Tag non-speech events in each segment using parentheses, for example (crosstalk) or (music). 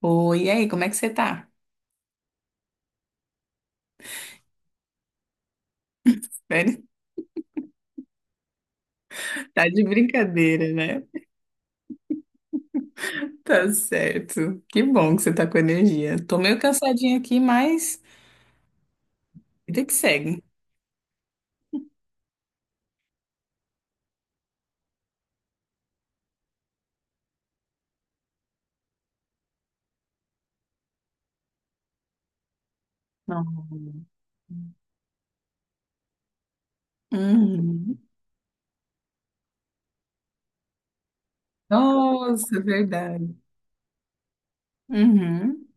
Oi, e aí, como é que você tá? (laughs) Sério? Tá de brincadeira, né? Tá certo. Que bom que você tá com energia. Tô meio cansadinha aqui, mas vida que segue. Não. Uhum. Nossa, verdade. Uhum.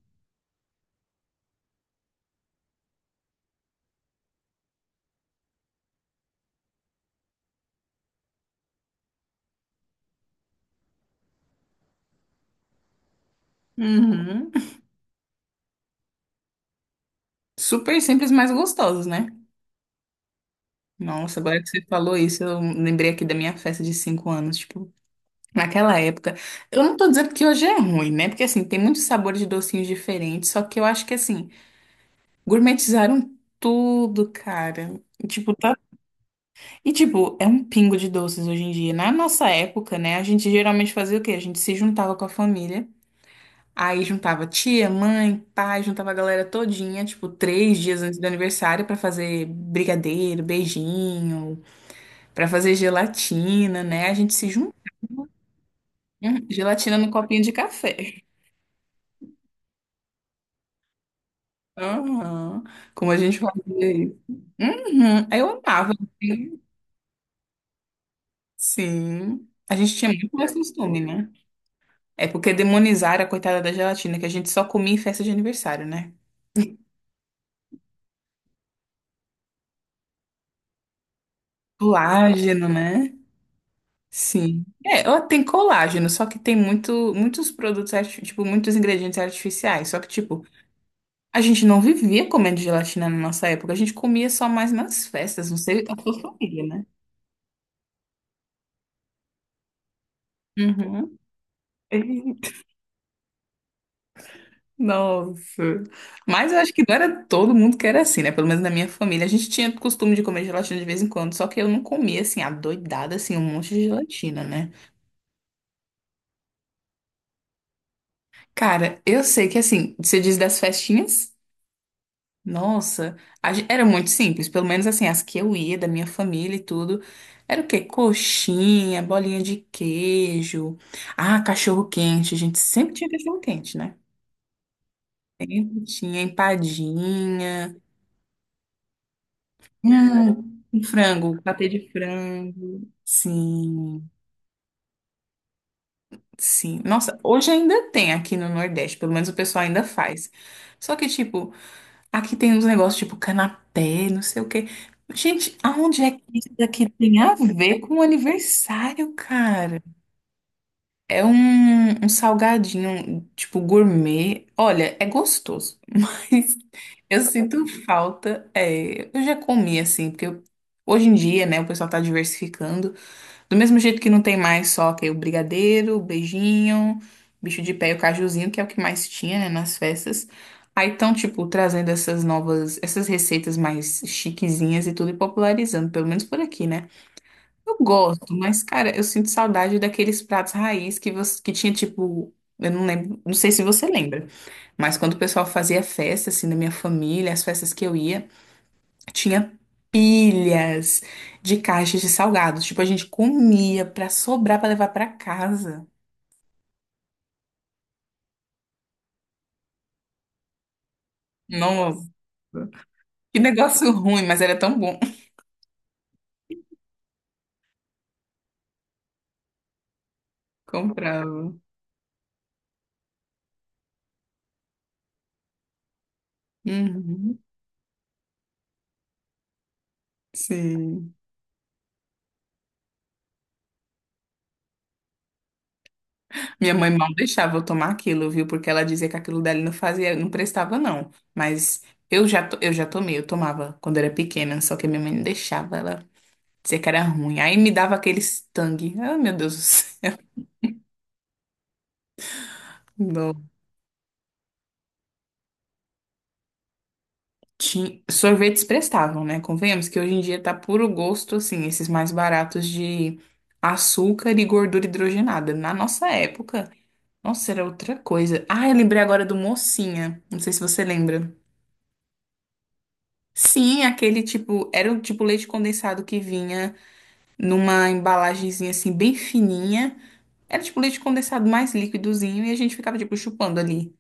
Uhum. Super simples, mas gostosos, né? Nossa, agora que você falou isso, eu lembrei aqui da minha festa de 5 anos, tipo, naquela época. Eu não tô dizendo que hoje é ruim, né? Porque assim, tem muitos sabores de docinhos diferentes, só que eu acho que assim, gourmetizaram tudo, cara. E, tipo, tá. E, tipo, é um pingo de doces hoje em dia. Na nossa época, né, a gente geralmente fazia o quê? A gente se juntava com a família. Aí juntava tia, mãe, pai, juntava a galera todinha, tipo, 3 dias antes do aniversário pra fazer brigadeiro, beijinho, pra fazer gelatina, né? A gente se junta. Gelatina no copinho de café. Aham. Como a gente fazia isso. Uhum. Eu amava, assim. Sim. A gente tinha muito mais costume, né? É porque demonizaram a coitada da gelatina, que a gente só comia em festa de aniversário, né? Colágeno, né? Sim. É, ó, tem colágeno, só que tem muito, muitos produtos, tipo, muitos ingredientes artificiais. Só que, tipo, a gente não vivia comendo gelatina na nossa época, a gente comia só mais nas festas, não sei a sua família, né? Uhum. Nossa. Mas eu acho que não era todo mundo que era assim, né? Pelo menos na minha família. A gente tinha costume de comer gelatina de vez em quando, só que eu não comia, assim, adoidada, assim, um monte de gelatina, né? Cara, eu sei que, assim, você diz das festinhas? Nossa, era muito simples. Pelo menos, assim, as que eu ia, da minha família e tudo. Era o quê? Coxinha, bolinha de queijo. Ah, cachorro quente. A gente sempre tinha cachorro quente, né? Sempre tinha empadinha. Ah, e frango, patê de frango. Sim, sim. Nossa, hoje ainda tem aqui no Nordeste, pelo menos o pessoal ainda faz. Só que, tipo, aqui tem uns negócios tipo canapé, não sei o quê. Gente, aonde é que isso daqui tem a ver com o aniversário, cara? É um salgadinho, tipo, gourmet. Olha, é gostoso, (laughs) mas eu sinto falta. É, eu já comi assim, porque hoje em dia, né, o pessoal tá diversificando. Do mesmo jeito que não tem mais só que o brigadeiro, o beijinho, bicho de pé e o cajuzinho, que é o que mais tinha, né, nas festas. Aí estão, tipo, trazendo essas novas, essas receitas mais chiquezinhas e tudo e popularizando, pelo menos por aqui, né? Eu gosto, mas, cara, eu sinto saudade daqueles pratos raiz que, você, que tinha, tipo, eu não lembro, não sei se você lembra, mas quando o pessoal fazia festa, assim, na minha família, as festas que eu ia. Tinha pilhas de caixas de salgados. Tipo, a gente comia pra sobrar pra levar pra casa. Nossa, que negócio (laughs) ruim, mas era tão bom. (laughs) Comprava. Uhum, sim. Minha mãe mal deixava eu tomar aquilo, viu? Porque ela dizia que aquilo dali não fazia, não prestava, não. Mas eu já tomei, eu tomava quando era pequena, só que minha mãe não deixava, ela dizia que era ruim. Aí me dava aquele tangue. Ah, meu Deus do céu. (laughs) Sorvetes prestavam, né? Convenhamos que hoje em dia tá puro gosto, assim, esses mais baratos de açúcar e gordura hidrogenada. Na nossa época, nossa, era outra coisa. Ah, eu lembrei agora do Mocinha. Não sei se você lembra. Sim, aquele tipo, era o tipo leite condensado que vinha numa embalagenzinha assim, bem fininha. Era tipo leite condensado mais líquidozinho e a gente ficava, tipo, chupando ali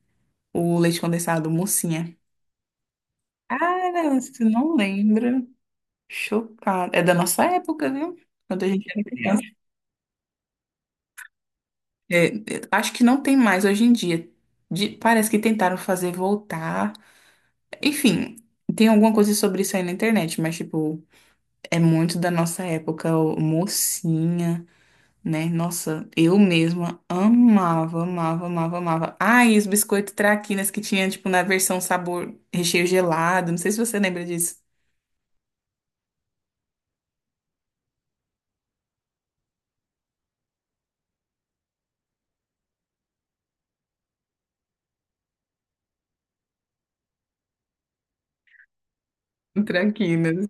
o leite condensado, Mocinha. Ah, você não lembra? Chocada. É da nossa época, viu? Quando a gente era criança. É, é, acho que não tem mais hoje em dia. Parece que tentaram fazer voltar. Enfim, tem alguma coisa sobre isso aí na internet, mas, tipo, é muito da nossa época, mocinha, né? Nossa, eu mesma amava, amava, amava, amava. Ah, e os biscoitos traquinas que tinha, tipo, na versão sabor recheio gelado. Não sei se você lembra disso. Traquinas.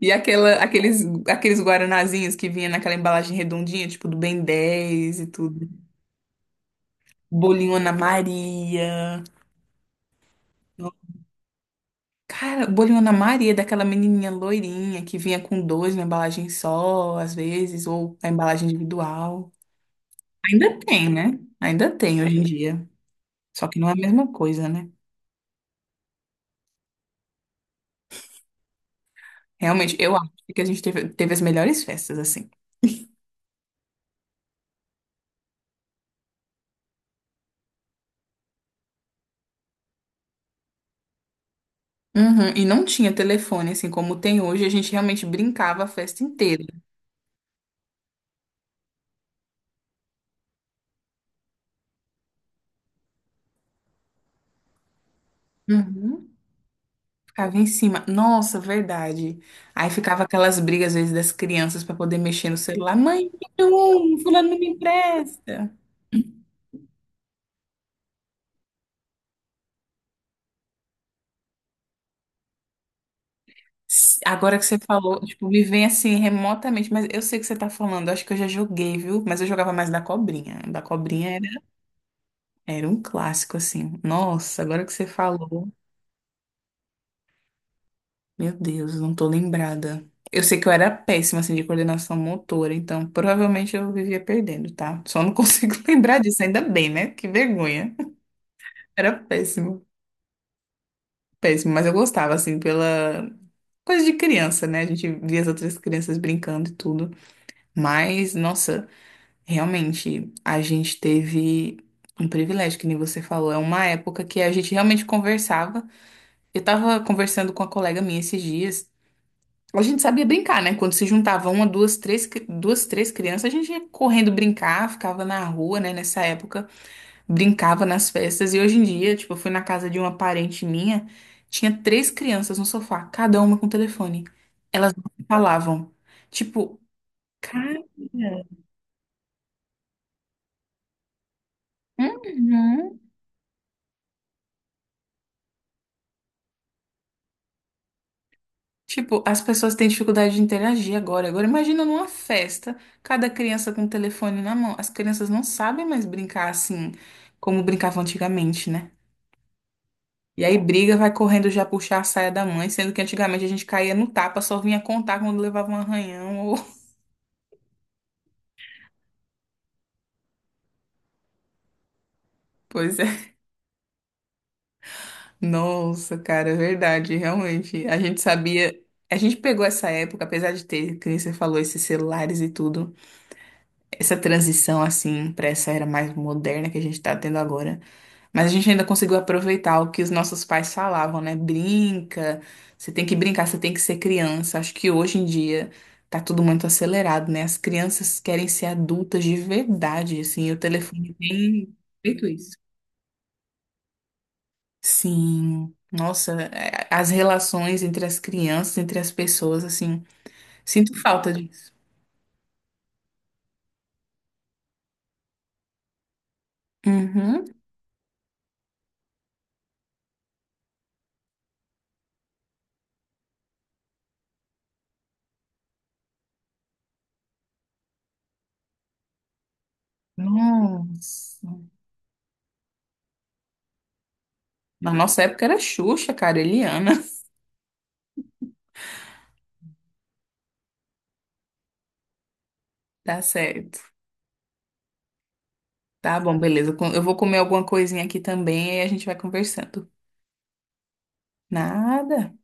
E aquela, aqueles guaranazinhos que vinha naquela embalagem redondinha, tipo do Ben 10 e tudo. Bolinho Ana Maria. Cara, bolinho Ana Maria, é daquela menininha loirinha que vinha com dois na embalagem só, às vezes, ou a embalagem individual. Ainda tem, né? Ainda tem hoje em dia. Só que não é a mesma coisa, né? Realmente, eu acho que a gente teve as melhores festas, assim. Uhum, e não tinha telefone, assim, como tem hoje, a gente realmente brincava a festa inteira. Uhum. Ficava em cima. Nossa, verdade. Aí ficava aquelas brigas, às vezes, das crianças para poder mexer no celular. Mãe, me dá um, fulano não me empresta. Agora que você falou, tipo, me vem assim remotamente, mas eu sei o que você tá falando. Acho que eu já joguei, viu? Mas eu jogava mais da cobrinha. Da cobrinha era um clássico, assim. Nossa, agora que você falou, meu Deus, não tô lembrada. Eu sei que eu era péssima, assim, de coordenação motora, então provavelmente eu vivia perdendo, tá? Só não (laughs) consigo lembrar disso, ainda bem, né? Que vergonha. Era péssimo, péssimo, mas eu gostava, assim, pela coisa de criança, né? A gente via as outras crianças brincando e tudo. Mas, nossa, realmente, a gente teve um privilégio, que nem você falou. É uma época que a gente realmente conversava. Eu tava conversando com uma colega minha esses dias. A gente sabia brincar, né? Quando se juntava uma, duas, três, duas, três crianças, a gente ia correndo brincar, ficava na rua, né? Nessa época. Brincava nas festas. E hoje em dia, tipo, eu fui na casa de uma parente minha, tinha três crianças no sofá, cada uma com telefone. Elas não se falavam. Tipo, cara. Uhum. Tipo, as pessoas têm dificuldade de interagir agora. Agora, imagina numa festa, cada criança com um telefone na mão. As crianças não sabem mais brincar assim como brincavam antigamente, né? E aí briga, vai correndo já puxar a saia da mãe, sendo que antigamente a gente caía no tapa, só vinha contar quando levava um arranhão ou. (laughs) Pois é. Nossa, cara, é verdade, realmente. A gente sabia, a gente pegou essa época, apesar de ter, que nem você falou, esses celulares e tudo, essa transição assim para essa era mais moderna que a gente tá tendo agora. Mas a gente ainda conseguiu aproveitar o que os nossos pais falavam, né? Brinca, você tem que brincar, você tem que ser criança. Acho que hoje em dia tá tudo muito acelerado, né? As crianças querem ser adultas de verdade, assim, e o telefone tem feito isso. Sim, nossa, é, as relações entre as crianças, entre as pessoas, assim, sinto falta disso. Uhum. Nossa. Na nossa época era Xuxa, cara, Eliana. (laughs) Tá certo. Tá bom, beleza. Eu vou comer alguma coisinha aqui também e a gente vai conversando. Nada. Até